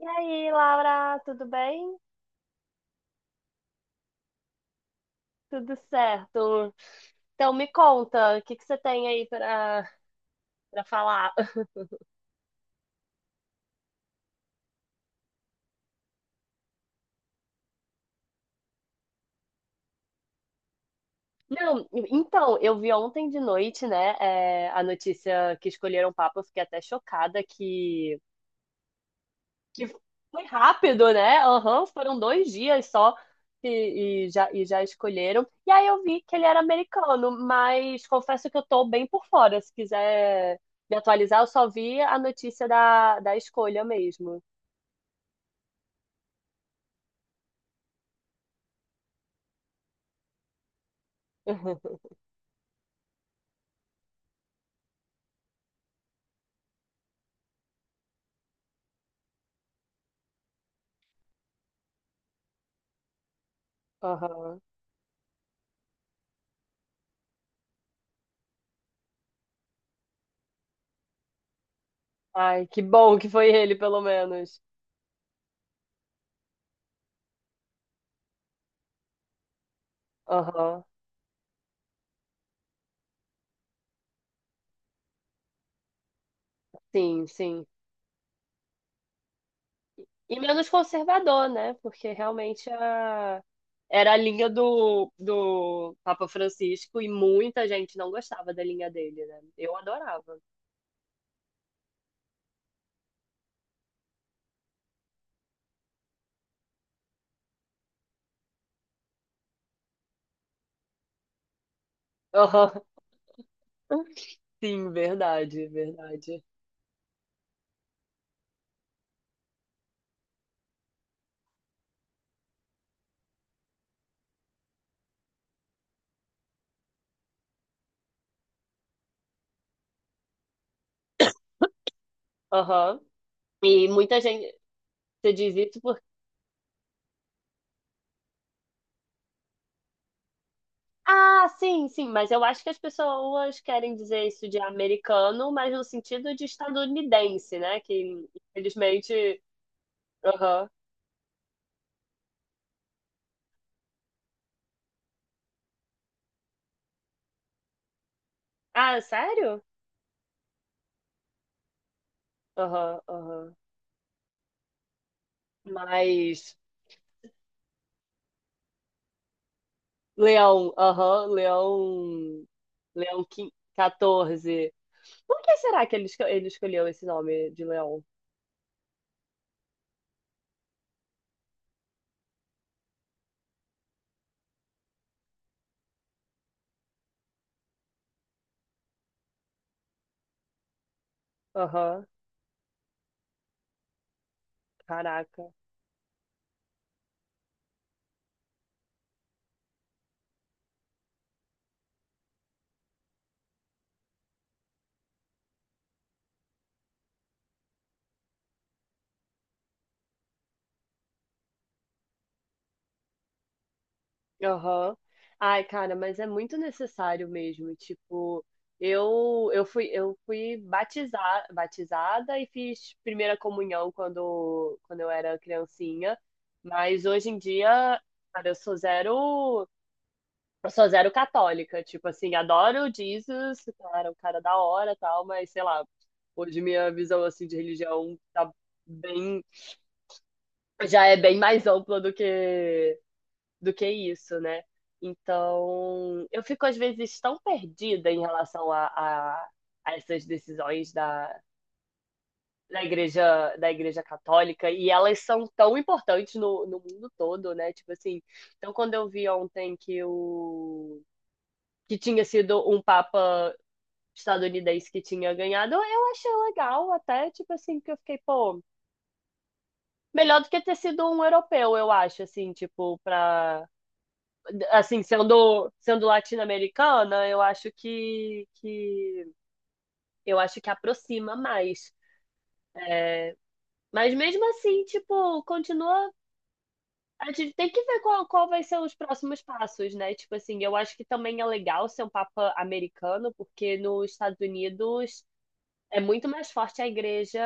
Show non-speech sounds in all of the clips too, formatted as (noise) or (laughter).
E aí, Laura, tudo bem? Tudo certo. Então, me conta, o que que você tem aí para falar? (laughs) Não, então, eu vi ontem de noite, né, a notícia que escolheram o Papa, eu fiquei até chocada que foi rápido, né? Aham, foram dois dias só e já escolheram. E aí eu vi que ele era americano, mas confesso que eu tô bem por fora. Se quiser me atualizar, eu só vi a notícia da escolha mesmo. (laughs) Aham. Ai, que bom que foi ele, pelo menos. Aham. Sim, sim. E menos conservador, né? Porque realmente a... era a linha do Papa Francisco e muita gente não gostava da linha dele, né? Eu adorava. Aham. (laughs) Sim, verdade, verdade. Aham. E muita gente. Você diz isso. Ah, sim, sim, mas eu acho que as pessoas querem dizer isso de americano, mas no sentido de estadunidense, né? Que infelizmente. Aham. Ah, sério? Aham, aham. Mas. Leão, aham, Leão. 14. Por que será que ele, ele escolheu esse nome de Leão? Aham. Caraca. Aham. Ai, cara, mas é muito necessário mesmo. Tipo, eu fui batizada e fiz primeira comunhão quando eu era criancinha, mas hoje em dia, cara, eu sou zero católica, tipo assim, adoro Jesus, cara, o cara da hora, tal, mas sei lá, hoje minha visão assim de religião tá bem já é bem mais ampla do que isso, né? Então, eu fico às vezes tão perdida em relação a essas decisões da igreja católica, e elas são tão importantes no mundo todo, né? Tipo assim, então quando eu vi ontem que tinha sido um papa estadunidense que tinha ganhado, eu achei legal até, tipo assim, que eu fiquei, pô, melhor do que ter sido um europeu, eu acho, assim, tipo, pra assim, sendo latino-americana, eu acho que eu acho que aproxima mais. Mas mesmo assim, tipo, continua. A gente tem que ver qual vai ser os próximos passos, né? Tipo assim, eu acho que também é legal ser um papa americano, porque nos Estados Unidos é muito mais forte a igreja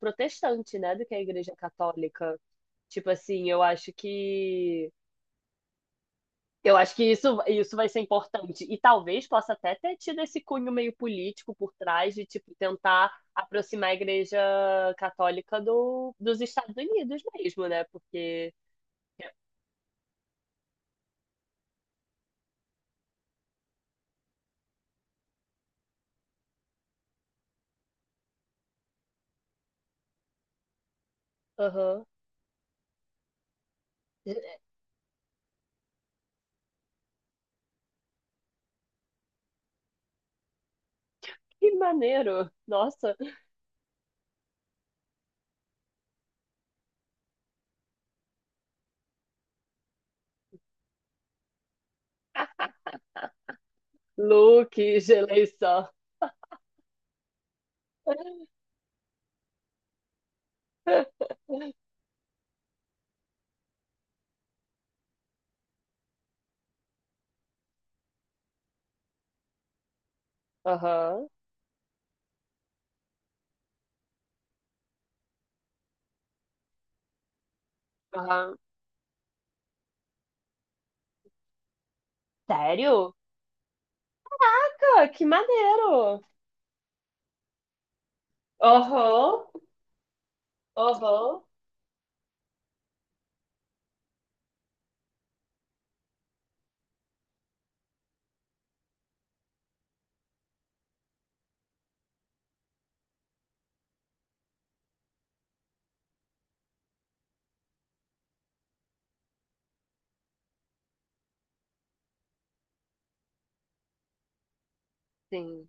protestante, né, do que a igreja católica. Tipo assim, eu acho que eu acho isso vai ser importante. E talvez possa até ter tido esse cunho meio político por trás de, tipo, tentar aproximar a Igreja Católica dos Estados Unidos mesmo, né? Porque. Aham. Que maneiro! Nossa! Luke, Geleição. (laughs) Aham. Aham. Sério? Caraca, que maneiro! Aham. Aham. Sim.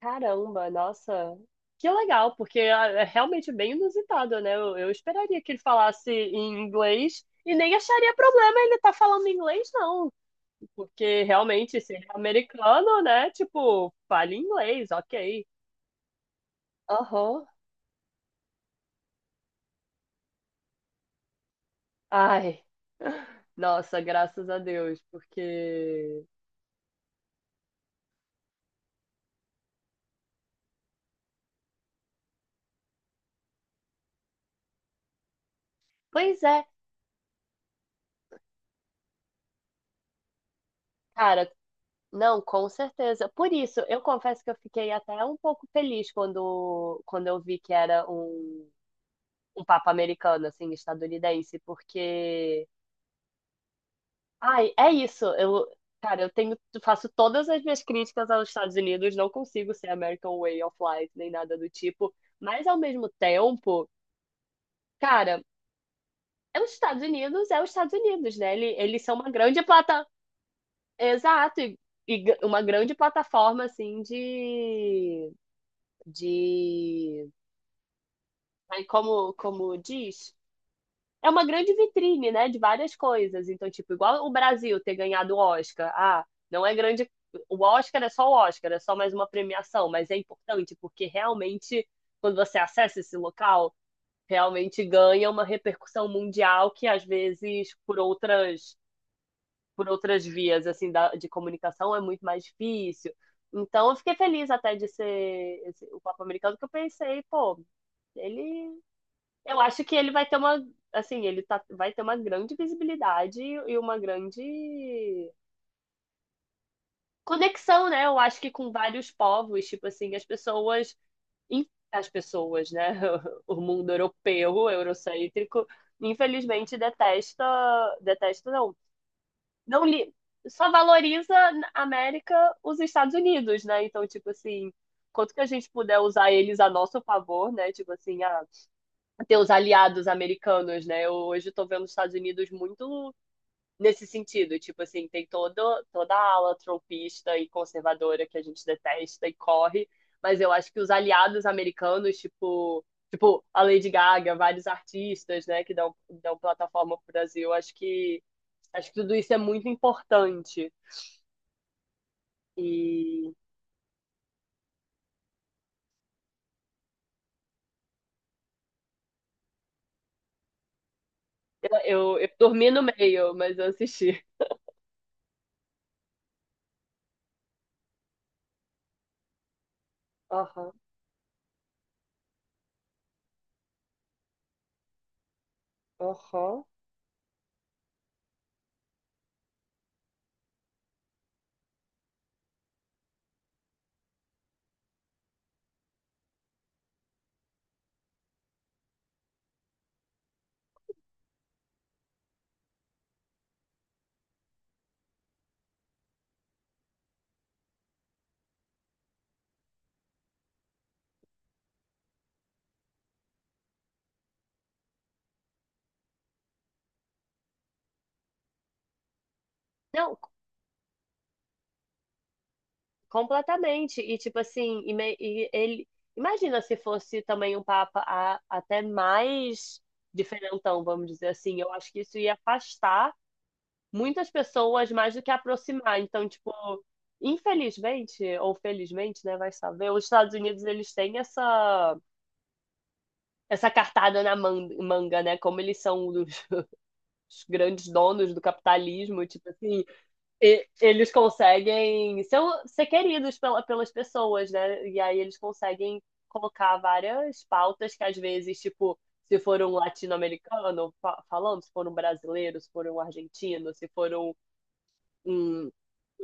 Caramba, nossa, que legal, porque é realmente bem inusitado, né? Eu esperaria que ele falasse em inglês e nem acharia problema ele estar falando inglês, não, porque realmente, se ele é americano, né? Tipo, fale inglês, ok. Aham. Ai, nossa, graças a Deus, porque. Pois é, cara, não, com certeza. Por isso, eu confesso que eu fiquei até um pouco feliz quando eu vi que era um. Um papo americano, assim, estadunidense, porque. Ai, é isso. Eu, cara, eu tenho, faço todas as minhas críticas aos Estados Unidos, não consigo ser American Way of Life, nem nada do tipo, mas ao mesmo tempo, cara, é os Estados Unidos, né? Eles são uma grande plata. Exato, e uma grande plataforma, assim, de. De. Ai, como diz? É uma grande vitrine, né, de várias coisas. Então, tipo, igual o Brasil ter ganhado o Oscar. Ah, não é grande. O Oscar é só o Oscar, é só mais uma premiação, mas é importante porque realmente, quando você acessa esse local, realmente ganha uma repercussão mundial que às vezes por outras vias assim de comunicação é muito mais difícil. Então, eu fiquei feliz até de ser o Papa Americano, que eu pensei, pô, ele eu acho que ele vai ter uma, assim, ele tá, vai ter uma grande visibilidade e uma grande conexão, né? Eu acho que com vários povos, tipo assim, as pessoas, né? (laughs) O mundo europeu, eurocêntrico, infelizmente detesta, detesta não, não li, só valoriza na América os Estados Unidos, né? Então, tipo assim, quanto que a gente puder usar eles a nosso favor, né? Tipo assim, ah, ter os aliados americanos, né? Eu hoje estou vendo os Estados Unidos muito nesse sentido, tipo assim, toda a ala trumpista e conservadora que a gente detesta e corre, mas eu acho que os aliados americanos, tipo, tipo a Lady Gaga, vários artistas, né, dão plataforma para o Brasil, acho que tudo isso é muito importante. E eu dormi no meio, mas eu assisti. Aham, aham. Não, completamente. E tipo assim, e ele imagina se fosse também um papa até mais diferentão, vamos dizer assim. Eu acho que isso ia afastar muitas pessoas mais do que aproximar. Então, tipo, infelizmente ou felizmente, né, vai saber, os Estados Unidos eles têm essa essa cartada na manga, né? Como eles são os grandes donos do capitalismo, tipo assim, eles conseguem ser, um, ser queridos pela, pelas pessoas, né? E aí eles conseguem colocar várias pautas que às vezes, tipo, se for um latino-americano falando, se for um brasileiro, se for um argentino, se for um,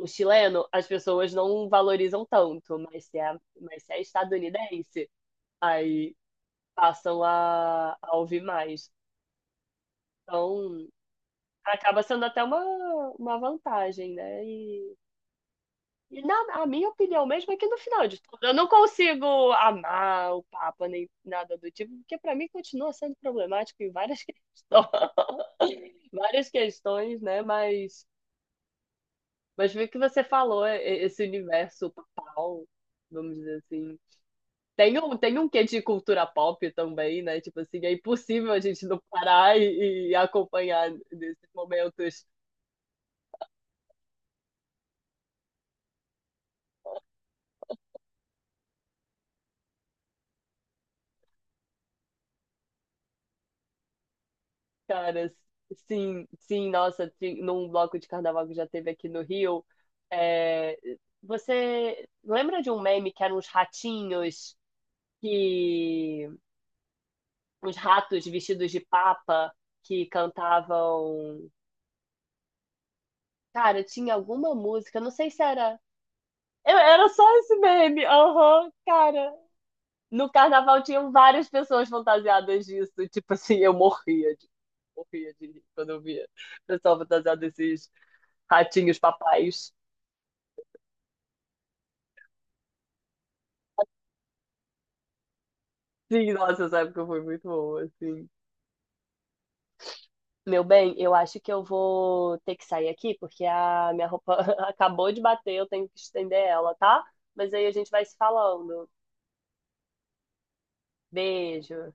um chileno, as pessoas não valorizam tanto, mas se é estadunidense, aí passam a ouvir mais. Então, acaba sendo até uma vantagem, né? E e na, a minha opinião mesmo é que no final de tudo, eu não consigo amar o Papa nem nada do tipo, porque para mim continua sendo problemático em várias (laughs) questões, várias questões, né? Mas o que você falou, esse universo papal, vamos dizer assim. Tem um quê de cultura pop também, né? Tipo assim, é impossível a gente não parar e acompanhar nesses momentos. Cara, sim, sim, nossa, num bloco de carnaval que já teve aqui no Rio, é, você lembra de um meme que eram uns ratinhos que, uns ratos vestidos de papa que cantavam, cara, tinha alguma música, não sei se era. Era só esse meme, aham, cara, no carnaval tinham várias pessoas fantasiadas disso, tipo assim, morria de rir quando eu via pessoal fantasiado desses ratinhos papais. Sim, nossa, essa época foi muito boa, assim. Meu bem, eu acho que eu vou ter que sair aqui, porque a minha roupa (laughs) acabou de bater, eu tenho que estender ela, tá? Mas aí a gente vai se falando. Beijo.